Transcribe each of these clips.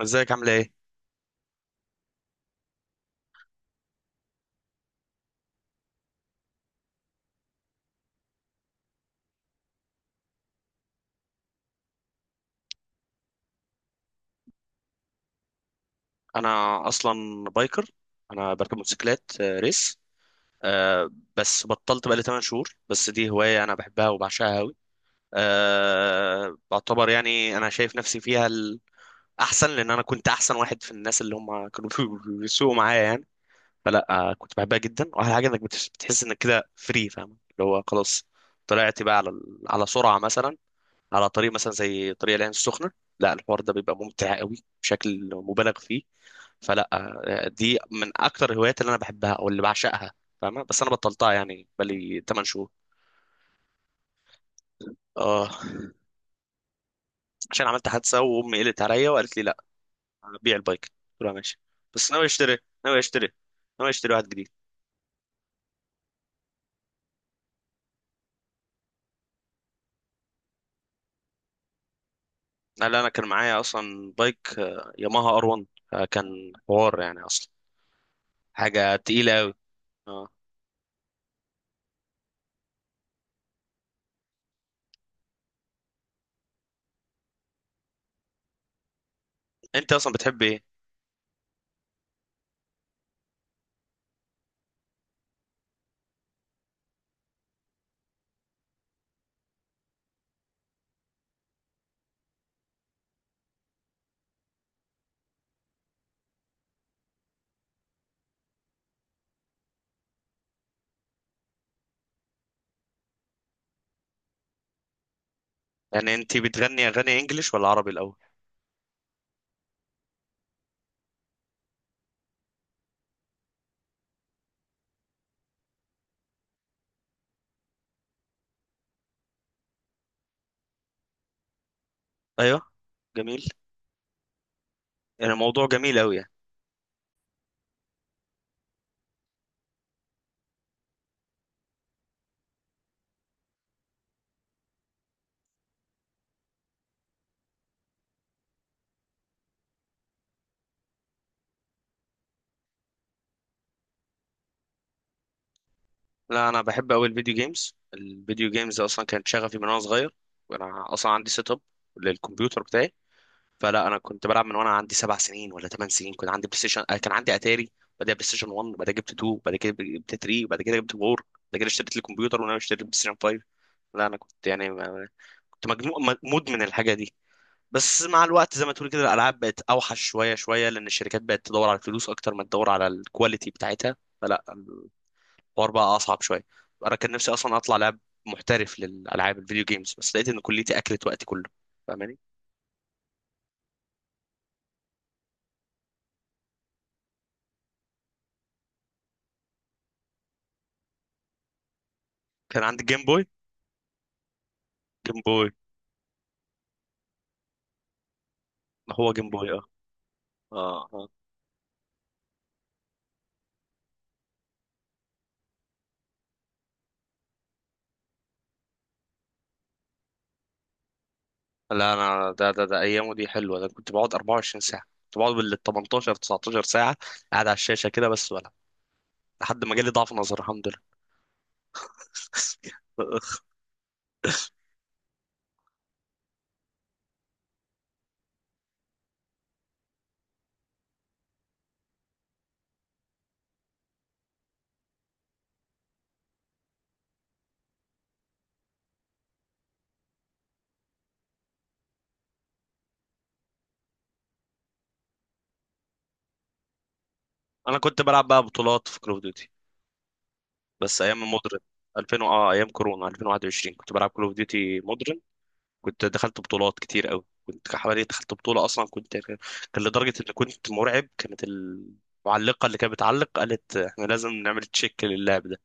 ازيك؟ عامله ايه؟ انا اصلا بايكر. انا بركب موتوسيكلات، ريس. آه، بس بطلت بقالي 8 شهور. بس دي هوايه انا بحبها وبعشقها قوي. بعتبر يعني انا شايف نفسي فيها الاحسن، لان انا كنت احسن واحد في الناس اللي هم كانوا بيسوقوا معايا يعني. فلا، كنت بحبها جدا، واحلى حاجه انك بتحس انك كده فري، فاهم اللي هو خلاص، طلعت بقى على سرعه مثلا، على طريق مثلا زي طريق العين السخنه. لا الحوار ده بيبقى ممتع قوي بشكل مبالغ فيه. فلا، دي من اكتر الهوايات اللي انا بحبها او اللي بعشقها، فاهمة؟ بس انا بطلتها يعني بقالي 8 شهور. اه. عشان عملت حادثة، وامي قلت عليا وقالت لي لا، بيع البايك. قلت لها ماشي. بس ناوي اشتري، ناوي اشتري، ناوي اشتري واحد جديد. لا انا كان معايا اصلا بايك، ياماها ار 1. كان حوار يعني اصلا، حاجة تقيلة قوي. اه. انت اصلا بتحب ايه؟ يعني انت بتغني اغاني انجليش ولا عربي الاول؟ ايوه، جميل، يعني موضوع جميل قوي. لا انا بحب قوي الفيديو جيمز. الفيديو جيمز اصلا كانت شغفي من وانا صغير، وانا اصلا عندي سيت اب للكمبيوتر بتاعي. فلا انا كنت بلعب من وانا عندي 7 سنين ولا 8 سنين. كنت عندي بلاي ستيشن، كان عندي اتاري، بعدها بلاي ستيشن 1، بعد كده جبت 2، بعد كده جبت 3، بعد كده جبت 4، بعد كده اشتريت الكمبيوتر، وانا اشتريت بلاي ستيشن 5. لا انا كنت يعني كنت مدمن الحاجه دي. بس مع الوقت زي ما تقول كده، الالعاب بقت اوحش شويه شويه، لان الشركات بقت تدور على الفلوس اكتر ما تدور على الكواليتي بتاعتها. فلا الحوار بقى اصعب شويه. انا كان نفسي اصلا اطلع لاعب محترف للالعاب الفيديو جيمز، بس لقيت ان كليتي اكلت وقتي كله، فاهماني؟ كان عندي جيم بوي. جيم بوي. ما هو جيم بوي، اه، اه، اه. لا انا، ده ايامه دي حلوه، ده كنت بقعد 24 ساعه، كنت بقعد بال 18 19 ساعه قاعد على الشاشه كده بس، ولا لحد ما جالي ضعف نظر، الحمد لله. انا كنت بلعب بقى بطولات في كول اوف ديوتي، بس ايام مودرن 2000 ايام كورونا 2021 كنت بلعب كول اوف ديوتي. كنت دخلت بطولات كتير قوي، كنت حوالي دخلت بطولة، أصلا كان لدرجة إن كنت مرعب، كانت المعلقة اللي كانت بتعلق قالت إحنا لازم نعمل تشيك للاعب ده.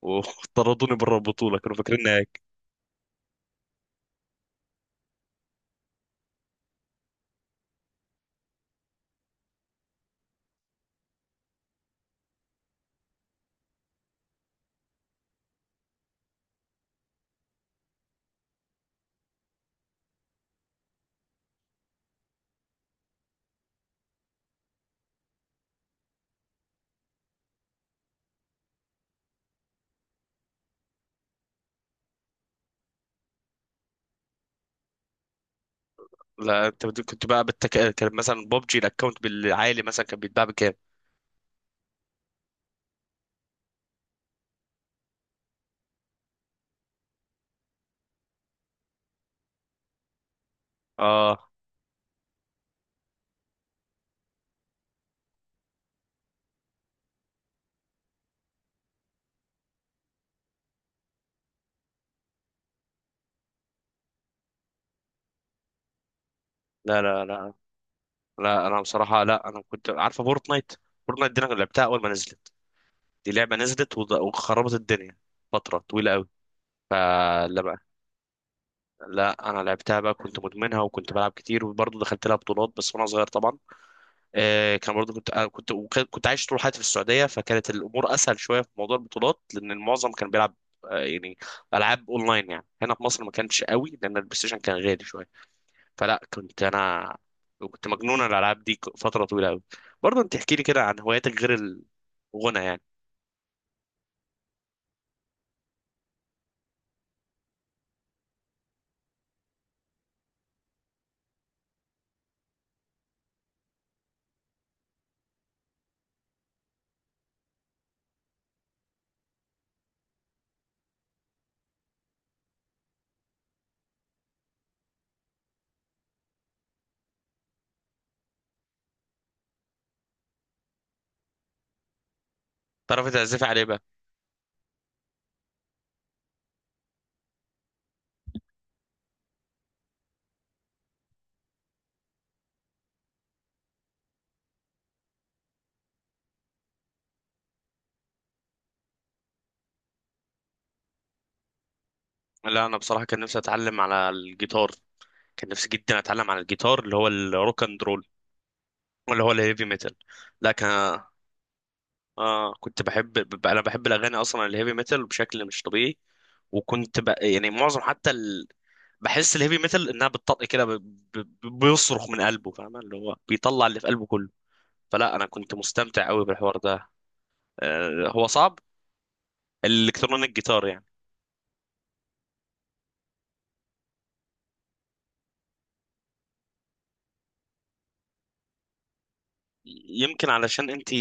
وطردوني بره البطولة، كانوا فاكريني هيك. لا أنت كنت بقى كان مثلا ببجي الأكونت بالعالي، مثلا كان بيتباع بكام؟ آه لا لا لا لا، أنا بصراحة لا، أنا كنت عارفة فورتنايت. فورتنايت دي أنا لعبتها أول ما نزلت. دي لعبة نزلت وخربت الدنيا فترة طويلة قوي. فلما، لا انا لعبتها بقى، كنت مدمنها وكنت بلعب كتير، وبرضه دخلت لها بطولات، بس وانا صغير طبعا. كان برضه كنت آه كنت وك- كنت عايش طول حياتي في السعوديه، فكانت الامور اسهل شويه في موضوع البطولات، لان المعظم كان بيلعب يعني العاب اونلاين. يعني هنا في مصر ما كانش قوي، لان البلاي ستيشن كان غالي شويه. فلا انا كنت مجنون على الالعاب دي، فتره طويله قوي. برضه انت احكي لي كده عن هواياتك غير الغنى يعني. تعرف تعزف عليه بقى؟ لا انا بصراحه كان نفسي اتعلم على الجيتار، كان نفسي جدا اتعلم على الجيتار، اللي هو الروك اند رول، اللي هو الهيفي ميتال. لكن، اه كنت بحب، انا بحب الاغاني اصلا الهيفي ميتال بشكل مش طبيعي، يعني معظم حتى بحس الهيفي ميتال انها بتطق كده، بيصرخ من قلبه، فاهم اللي هو بيطلع اللي في قلبه كله. فلا انا كنت مستمتع قوي بالحوار ده. هو صعب الالكترونيك جيتار يعني؟ يمكن علشان انت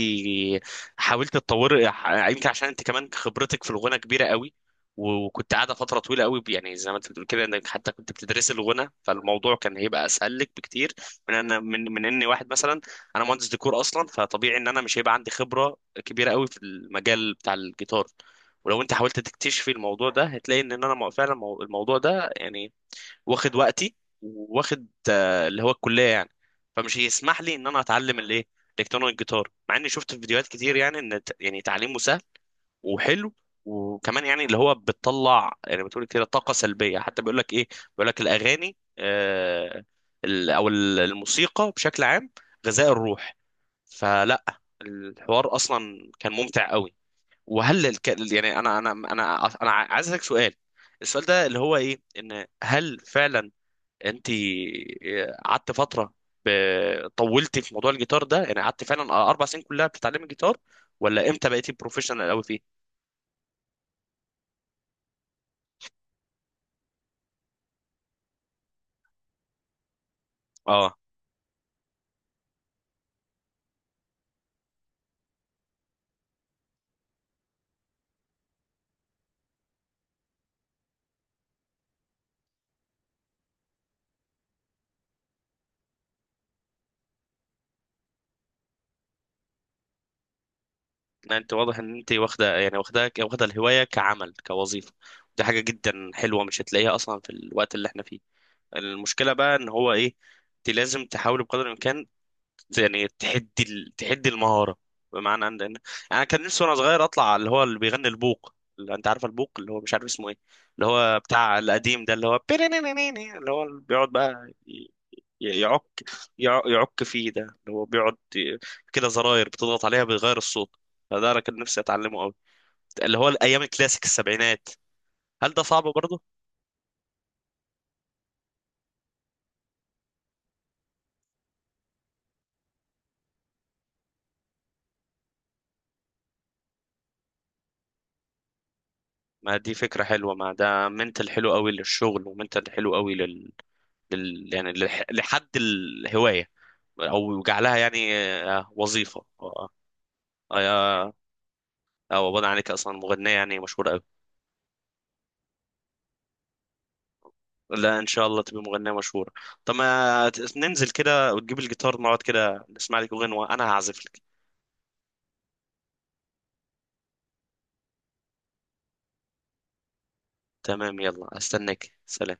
حاولت تطوري، يمكن عشان انت كمان خبرتك في الغنى كبيره قوي، وكنت قاعده فتره طويله قوي، يعني زي ما انت بتقول كده انك حتى كنت بتدرسي الغنى، فالموضوع كان هيبقى اسهل لك بكتير من ان من من اني واحد مثلا، انا مهندس ديكور اصلا، فطبيعي ان انا مش هيبقى عندي خبره كبيره قوي في المجال بتاع الجيتار. ولو انت حاولت تكتشفي الموضوع ده، هتلاقي ان انا فعلا، الموضوع ده يعني واخد وقتي، واخد اللي هو الكليه يعني. فمش هيسمح لي ان انا اتعلم الايه، الكترونيك جيتار، مع اني شفت في فيديوهات كتير يعني ان يعني تعليمه سهل وحلو. وكمان يعني اللي هو بتطلع، يعني بتقول كده طاقه سلبيه، حتى بيقول لك ايه، بيقول لك الاغاني، الموسيقى بشكل عام غذاء الروح. فلا الحوار اصلا كان ممتع قوي. وهل يعني انا عايز اسالك سؤال، السؤال ده اللي هو ايه، ان هل فعلا انت قعدت فتره، طولتي في موضوع الجيتار ده، يعني قعدت فعلا 4 سنين كلها بتتعلمي جيتار؟ ولا امتى بقيتي بروفيشنال قوي فيه؟ اه. لا، انت واضح ان انت واخده، يعني واخده واخده الهوايه كعمل، كوظيفه. دي حاجه جدا حلوه مش هتلاقيها اصلا في الوقت اللي احنا فيه. المشكله بقى ان هو ايه، انت لازم تحاولي بقدر الامكان يعني تحدي المهارة. بمعنى ان انا كان نفسي وانا صغير اطلع اللي هو اللي بيغني البوق، اللي انت عارف البوق اللي هو مش عارف اسمه ايه، اللي هو بتاع القديم ده، اللي هو بيرينينينيني، اللي هو اللي بيقعد بقى يعك، يعك فيه، ده اللي هو بيقعد كده زراير بتضغط عليها بيغير الصوت. فده انا كان نفسي اتعلمه قوي، اللي هو الايام الكلاسيك السبعينات. هل ده صعب برضه؟ ما دي فكرة حلوة، ما ده منتل حلو قوي للشغل ومنتل حلو قوي يعني لحد الهواية، او جعلها يعني وظيفه، آه، او ابعد عنك اصلا مغنيه يعني مشهوره قوي. لا ان شاء الله تبقى مغنيه مشهوره. طب ما ننزل كده وتجيب الجيتار، نقعد كده نسمع لك اغنيه وانا هعزف لك. تمام يلا استناك، سلام.